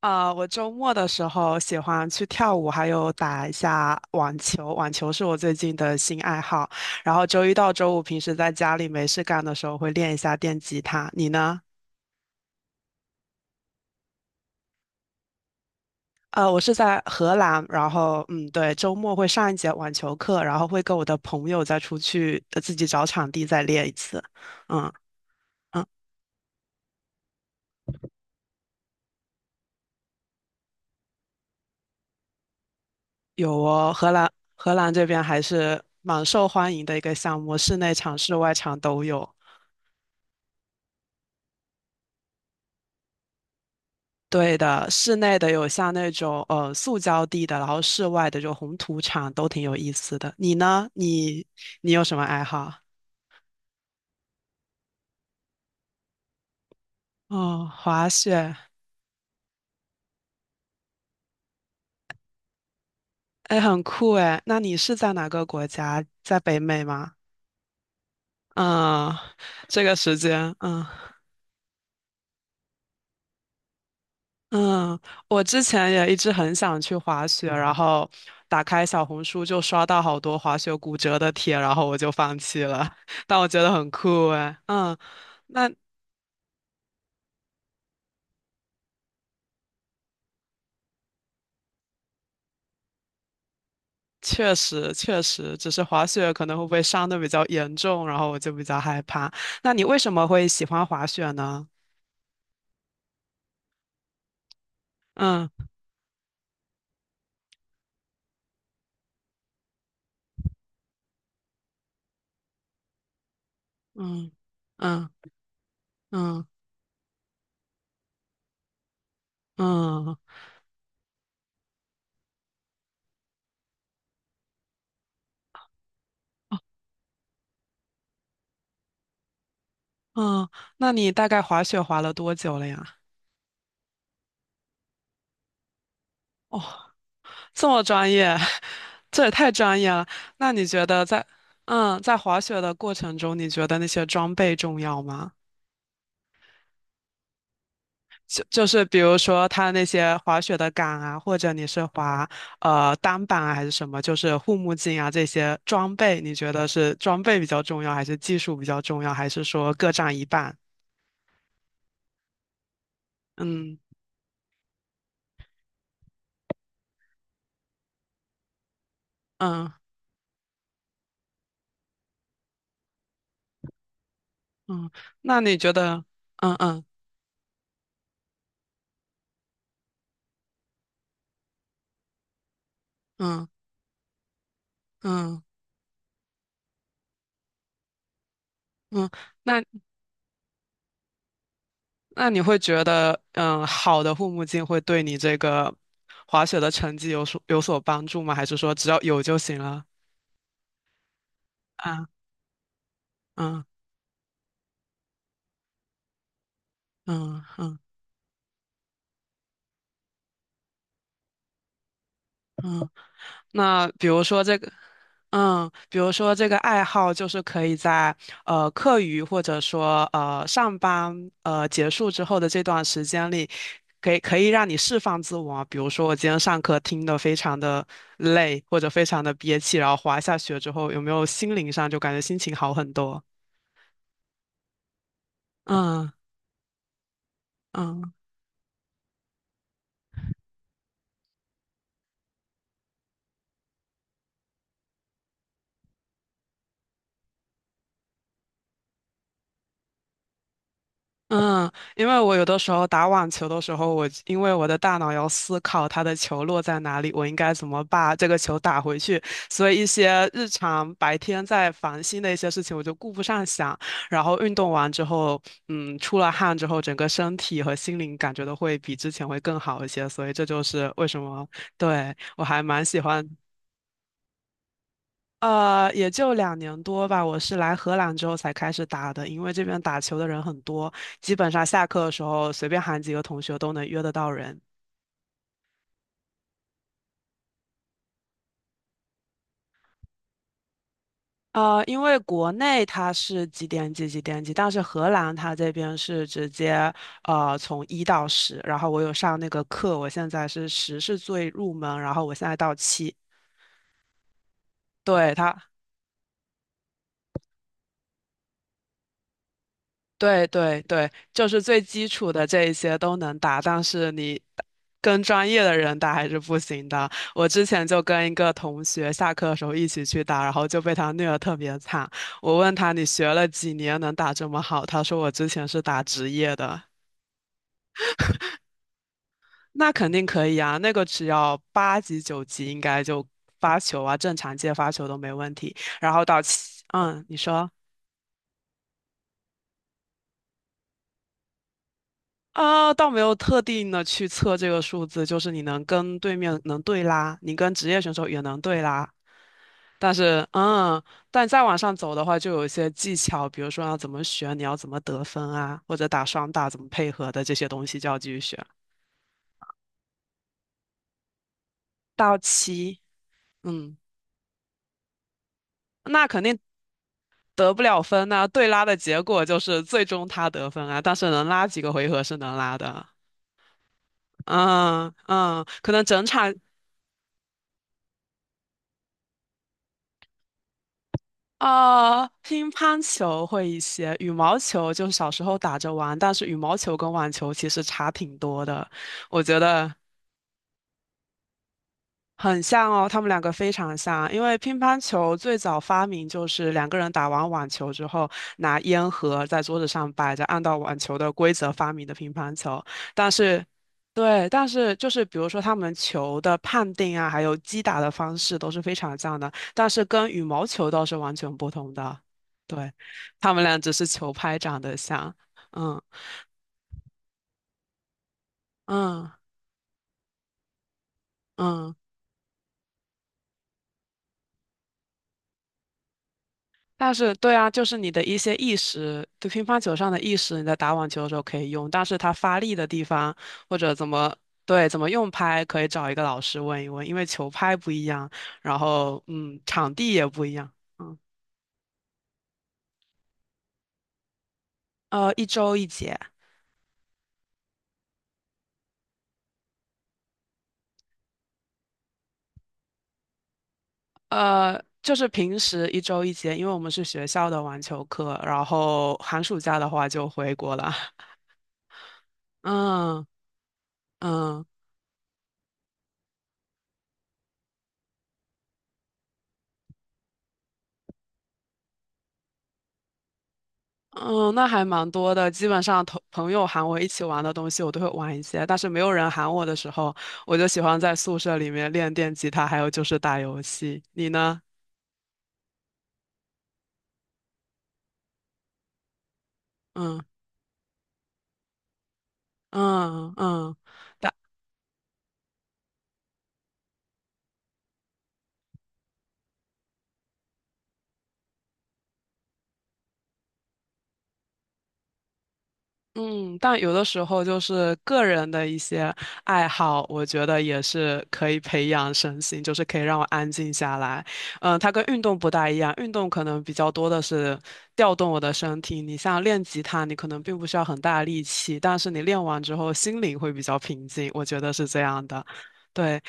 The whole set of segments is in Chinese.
啊，我周末的时候喜欢去跳舞，还有打一下网球。网球是我最近的新爱好。然后周一到周五，平时在家里没事干的时候会练一下电吉他。你呢？我是在荷兰，然后嗯，对，周末会上一节网球课，然后会跟我的朋友再出去自己找场地再练一次。嗯嗯，有哦，荷兰这边还是蛮受欢迎的一个项目，室内场、室外场都有。对的，室内的有像那种塑胶地的，然后室外的就红土场都挺有意思的。你呢？你有什么爱好？哦，滑雪。哎，很酷哎。那你是在哪个国家？在北美吗？嗯，这个时间，嗯嗯，我之前也一直很想去滑雪，然后打开小红书就刷到好多滑雪骨折的帖，然后我就放弃了。但我觉得很酷哎，嗯。那确实，确实，只是滑雪可能会被伤的比较严重，然后我就比较害怕。那你为什么会喜欢滑雪呢？嗯嗯嗯嗯嗯嗯，那你大概滑雪滑了多久了呀？哦，这么专业，这也太专业了。那你觉得在嗯在滑雪的过程中，你觉得那些装备重要吗？就是比如说它那些滑雪的杆啊，或者你是滑单板啊还是什么，就是护目镜啊这些装备，你觉得是装备比较重要，还是技术比较重要，还是说各占一半？嗯嗯嗯，那你觉得？嗯嗯嗯嗯嗯，那那你会觉得，嗯，好的护目镜会对你这个滑雪的成绩有所帮助吗？还是说只要有就行了？啊嗯嗯嗯嗯，那比如说这个。嗯，比如说这个爱好就是可以在课余或者说上班结束之后的这段时间里，可以让你释放自我啊。比如说我今天上课听的非常的累或者非常的憋气，然后滑一下雪之后，有没有心灵上就感觉心情好很多？嗯嗯嗯，因为我有的时候打网球的时候，我因为我的大脑要思考它的球落在哪里，我应该怎么把这个球打回去，所以一些日常白天在烦心的一些事情，我就顾不上想。然后运动完之后，嗯，出了汗之后，整个身体和心灵感觉都会比之前会更好一些，所以这就是为什么，对，我还蛮喜欢。也就两年多吧。我是来荷兰之后才开始打的，因为这边打球的人很多，基本上下课的时候随便喊几个同学都能约得到人。因为国内它是几点几几点几，但是荷兰它这边是直接从一到十，然后我有上那个课，我现在是十是最入门，然后我现在到七，对它。对对对，就是最基础的这一些都能打，但是你跟专业的人打还是不行的。我之前就跟一个同学下课的时候一起去打，然后就被他虐得特别惨。我问他你学了几年能打这么好？他说我之前是打职业的。那肯定可以啊，那个只要八级九级应该就发球啊，正常接发球都没问题。然后到七，嗯，你说。啊，倒没有特定的去测这个数字，就是你能跟对面能对拉，你跟职业选手也能对拉。但是，嗯，但再往上走的话，就有一些技巧，比如说要怎么选，你要怎么得分啊，或者打双打怎么配合的这些东西就要继续学。到七，嗯，那肯定得不了分呐、对拉的结果就是最终他得分啊，但是能拉几个回合是能拉的。嗯嗯，可能整场乒乓球会一些，羽毛球就小时候打着玩，但是羽毛球跟网球其实差挺多的。我觉得，很像哦，他们两个非常像，因为乒乓球最早发明就是两个人打完网球之后，拿烟盒在桌子上摆着，按照网球的规则发明的乒乓球。但是，对，但是就是比如说他们球的判定啊，还有击打的方式都是非常像的，但是跟羽毛球倒是完全不同的。对，他们俩只是球拍长得像，嗯嗯嗯。但是，对啊，就是你的一些意识，就乒乓球上的意识，你在打网球的时候可以用，但是它发力的地方或者怎么对怎么用拍，可以找一个老师问一问，因为球拍不一样，然后嗯，场地也不一样，嗯，一周一节，就是平时一周一节，因为我们是学校的网球课，然后寒暑假的话就回国了，嗯嗯。嗯，那还蛮多的。基本上同朋友喊我一起玩的东西，我都会玩一些。但是没有人喊我的时候，我就喜欢在宿舍里面练电吉他，还有就是打游戏。你呢？嗯嗯嗯，打嗯，但有的时候就是个人的一些爱好，我觉得也是可以培养身心，就是可以让我安静下来。嗯，它跟运动不大一样，运动可能比较多的是调动我的身体。你像练吉他，你可能并不需要很大力气，但是你练完之后心灵会比较平静，我觉得是这样的。对，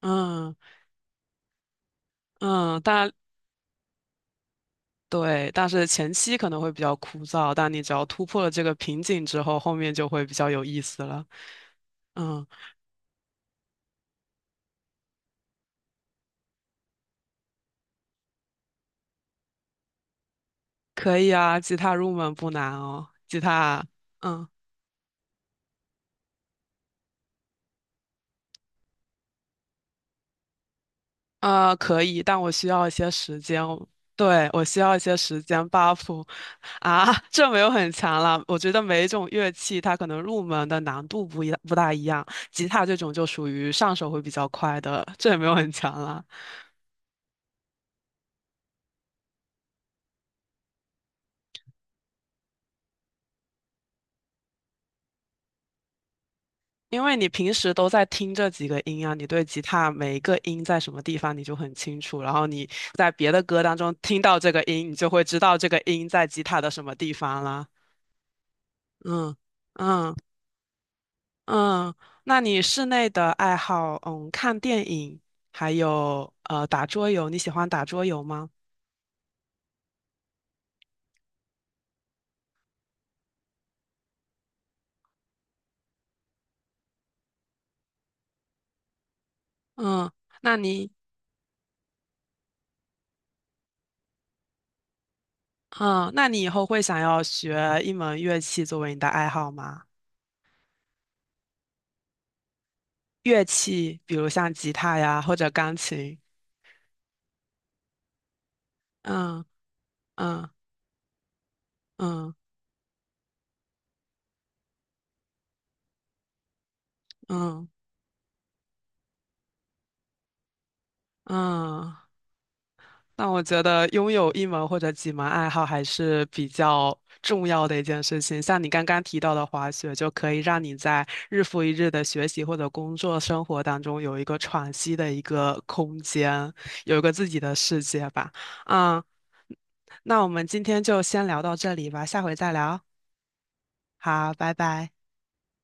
嗯嗯，但对，但是前期可能会比较枯燥，但你只要突破了这个瓶颈之后，后面就会比较有意思了。嗯。可以啊，吉他入门不难哦。吉他，嗯，啊，可以，但我需要一些时间哦对，我需要一些时间 buff 啊，这没有很强了。我觉得每一种乐器它可能入门的难度不大一样，吉他这种就属于上手会比较快的，这也没有很强了。因为你平时都在听这几个音啊，你对吉他每一个音在什么地方你就很清楚，然后你在别的歌当中听到这个音，你就会知道这个音在吉他的什么地方了。嗯嗯嗯，那你室内的爱好，嗯，看电影，还有打桌游，你喜欢打桌游吗？嗯，那你嗯，那你以后会想要学一门乐器作为你的爱好吗？乐器，比如像吉他呀，或者钢琴。嗯嗯嗯嗯嗯嗯那我觉得拥有一门或者几门爱好还是比较重要的一件事情。像你刚刚提到的滑雪，就可以让你在日复一日的学习或者工作生活当中有一个喘息的一个空间，有一个自己的世界吧。嗯，那我们今天就先聊到这里吧，下回再聊。好，拜拜。